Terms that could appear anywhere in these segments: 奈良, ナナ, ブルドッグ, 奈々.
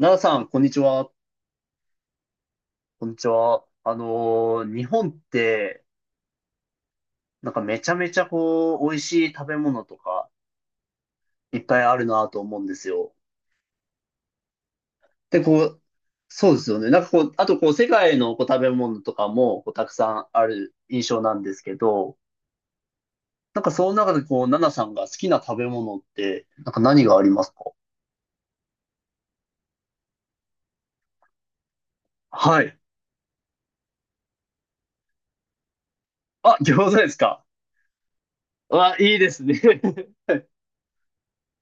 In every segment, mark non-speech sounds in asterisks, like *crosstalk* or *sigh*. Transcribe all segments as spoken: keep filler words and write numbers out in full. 奈良さん、こんにちは。こんにちは。あのー日本って、なんかめちゃめちゃこう、美味しい食べ物とか、いっぱいあるなと思うんですよ。で、こう、そうですよね。なんかこう、あとこう、世界のこう食べ物とかも、こう、たくさんある印象なんですけど、なんかその中でこう、奈々さんが好きな食べ物って、なんか何がありますか？はい。あ、餃子ですか。わ、いいですね。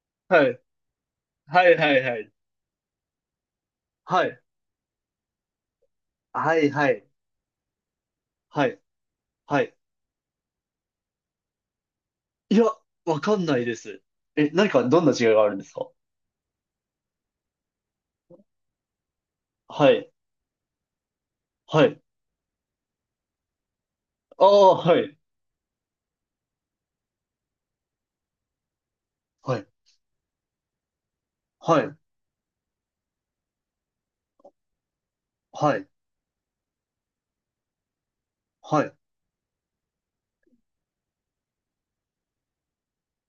*laughs* はい。はいはいはいはい。はい。はいはい。はい。はい。いや、わかんないです。え、何か、どんな違いがあるんですか？はい。はい。ああ、はい。はい。はい。はい。はい。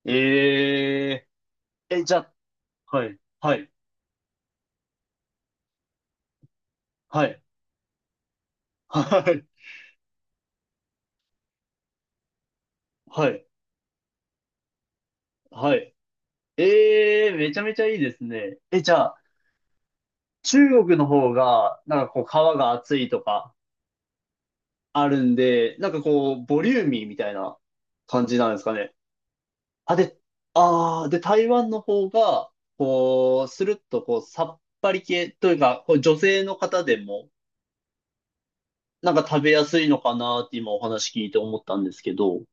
えー。え、じゃあ、はい。はい。はい。はい。はい。はい。えー、めちゃめちゃいいですね。え、じゃあ、中国の方が、なんかこう、皮が厚いとか、あるんで、なんかこう、ボリューミーみたいな感じなんですかね。あ、で、ああ、で、台湾の方が、こう、スルッと、こう、さっぱり系というか、こう女性の方でも、なんか食べやすいのかなって今お話聞いて思ったんですけど。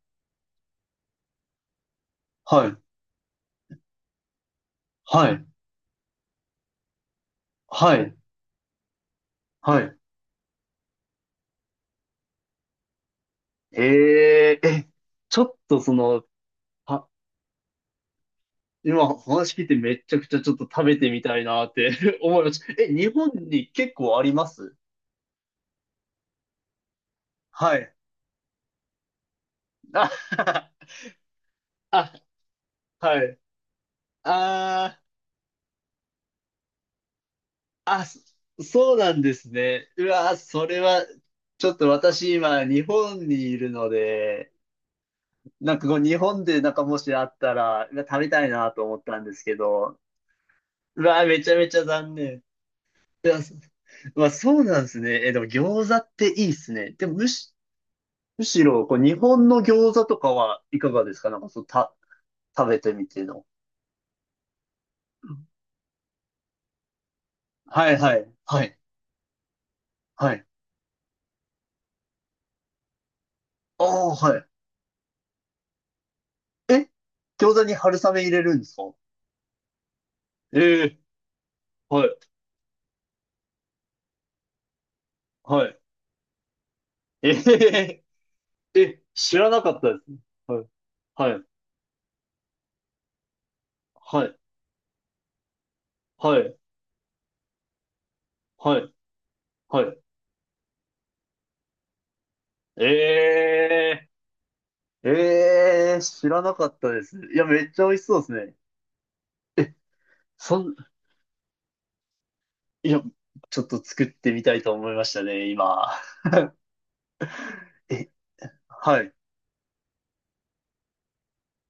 はい、はい、はい、はい。えええ、ちょっとその、は今お話聞いてめちゃくちゃちょっと食べてみたいなって *laughs* 思いました。え、日本に結構あります？はい。あ、*laughs* あ、はい。ああ。あ、そそうなんですね。うわ、それは、ちょっと私今、日本にいるので、なんかこう、日本でなんかもしあったら、うわ食べたいなと思ったんですけど、うわ、めちゃめちゃ残念。いや、そまあ、そうなんですね。え、でも餃子っていいっすね。でもむし、むしろ、こう、日本の餃子とかはいかがですか？なんかそう、た、食べてみての。はいはい、はい、はい。ああ、はい。え、餃子に春雨入れるんですか？ええはいはい。えへへえ、知らなかったですね。はい。はい。はい。はい。はい。はい。えー、えー、知らなかったです。いや、めっちゃ美味しそうですね。そん、いや、ちょっと作ってみたいと思いましたね、今。え、はい。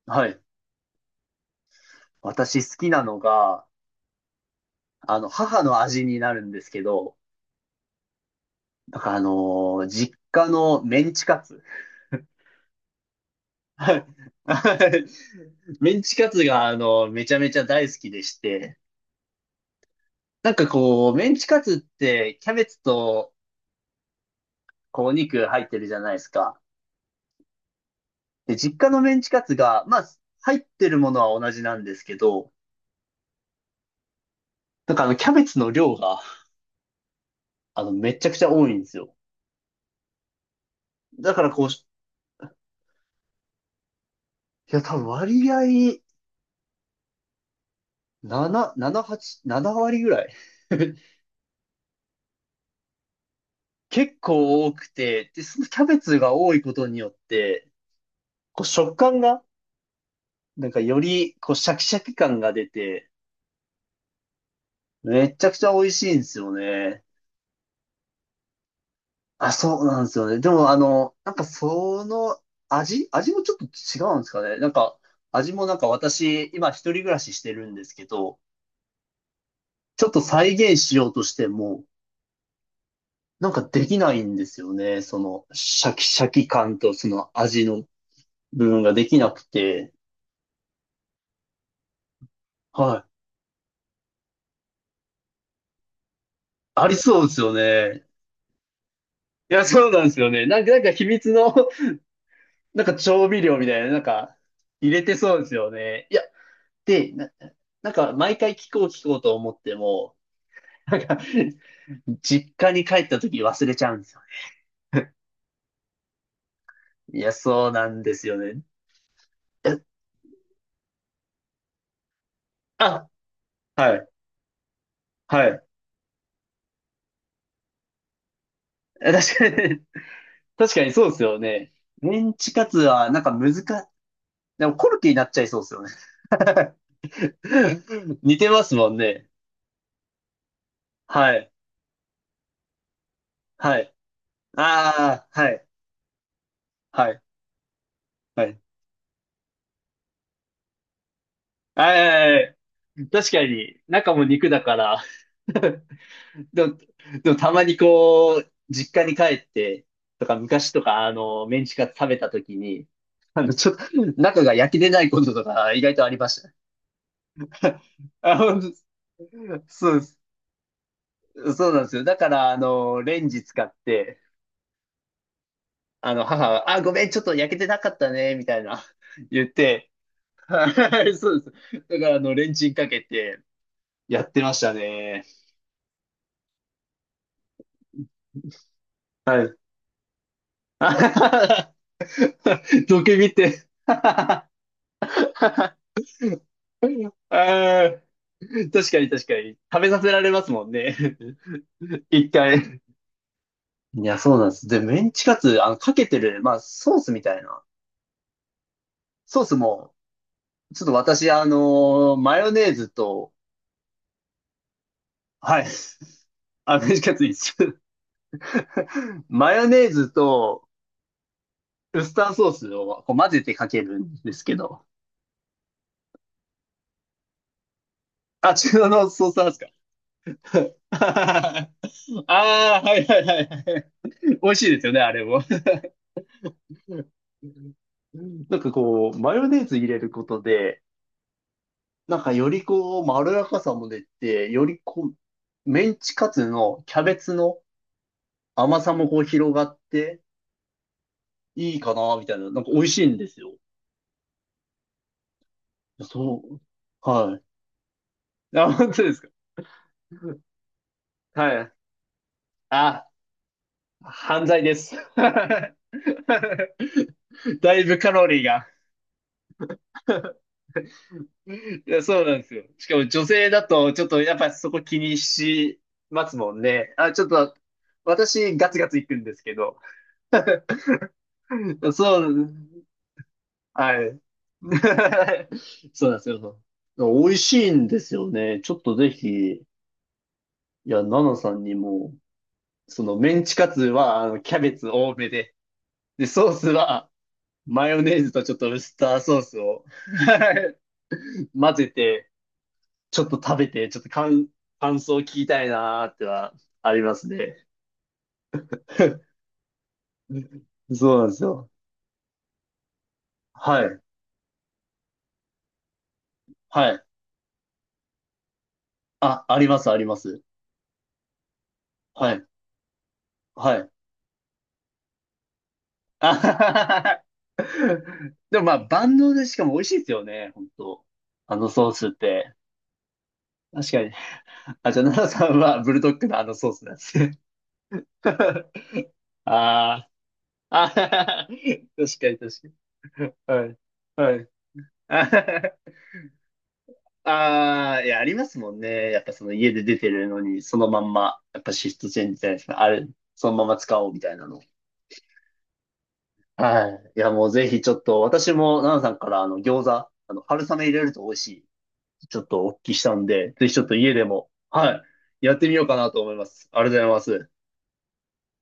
はい。私好きなのが、あの、母の味になるんですけど、なんかあのー実家のメンチカツ。はい。はいメンチカツが、あの、めちゃめちゃ大好きでして、なんかこう、メンチカツってキャベツとこうお肉入ってるじゃないですか。で、実家のメンチカツが、まあ、入ってるものは同じなんですけど、なんかあの、キャベツの量が、あの、めちゃくちゃ多いんですよ。だからこう、いや、多分割合、なな、なな、はち、なな割ぐらい。*laughs* 結構多くて、で、そのキャベツが多いことによって、こう、食感が、なんかより、こう、シャキシャキ感が出て、めちゃくちゃ美味しいんですよね。あ、そうなんですよね。でも、あの、なんかその味、味もちょっと違うんですかね。なんか、味もなんか私、今一人暮らししてるんですけど、ちょっと再現しようとしても、なんかできないんですよね。その、シャキシャキ感とその味の部分ができなくて。はい。ありそうですよね。いや、そうなんですよね。なんか、なんか秘密の、*laughs* なんか調味料みたいな、なんか、入れてそうですよね。いや、で、ななんか、毎回聞こう聞こうと思っても、なんか、実家に帰った時忘れちゃうんですよね。いや、そうなんですよね。えあ、はい、はい。確かに、確かにそうですよね。メンチカツは、なんか難し、でもコルキになっちゃいそうですよね。*laughs* 似てますもんね。はい、はい。ああ、はい、はい、はい。はい、はいはい確かに、中も肉だから *laughs* でも、でもたまにこう、実家に帰ってとか、昔とか、あの、メンチカツ食べた時に、あの、ちょっと、中が焼き出ないこととか、意外とありました。*laughs* あ、ほんとそうです。そうなんですよ。だから、あの、レンジ使って、あの、母は、あ、ごめん、ちょっと焼けてなかったね、みたいな、言って、はい、そうです。だから、あの、レンチンかけて、やってましたね。はい。*laughs* どけ見て。*laughs* ああ、確かに確かに。食べさせられますもんね。*laughs* 一回。いや、そうなんです。で、メンチカツ、あの、かけてる、まあ、ソースみたいな。ソースも、ちょっと私、あのーマヨネーズと、はい。*laughs* あ、メンチカツ一緒。*laughs* マヨネーズと、ウスターソースをこう混ぜてかけるんですけど。あ、中央のソースなんですか？ *laughs* ああはいはいはいはい。美味しいですよね、あれも。うんなんかこう、マヨネーズ入れることで、なんかよりこう、まろやかさも出て、よりこう、メンチカツのキャベツの甘さもこう広がって、いいかな、みたいな。なんか美味しいんですよ。そう。はい。あ、本当ですか。はい。あ、犯罪です。*laughs* だいぶカロリーが。いや、そうなんですよ。しかも女性だと、ちょっとやっぱそこ気にしますもんね。あ、ちょっと、私ガツガツ行くんですけど。*laughs* そう、はい。*laughs* そうなんですよ。美味しいんですよね。ちょっとぜひ、いや、ナナさんにも、そのメンチカツは、あの、キャベツ多めで、で、ソースは、マヨネーズとちょっとウスターソースを *laughs* 混ぜて、ちょっと食べて、ちょっと感、感想を聞きたいなーってはありますね。*laughs* そうなんですよ。はい。はい。あ、あります、あります。はい。はい。*laughs* あははははでもまあ、万能でしかも美味しいですよね、本当あのソースって。確かに。あ、じゃあ、奈々さんはブルドッグのあのソースなんですね。*laughs* あーあははは、*laughs* 確かに確かに。はい。はい。あははああ、いや、ありますもんね。やっぱその家で出てるのに、そのまんま、やっぱシフトチェンジじゃないですか。あれ、そのまま使おうみたいなの。はい。いや、もうぜひちょっと、私も、ナナさんからあの、餃子、あの、春雨入れると美味しい。ちょっとお聞きしたんで、ぜひちょっと家でも、はい、やってみようかなと思います。ありがとうございます。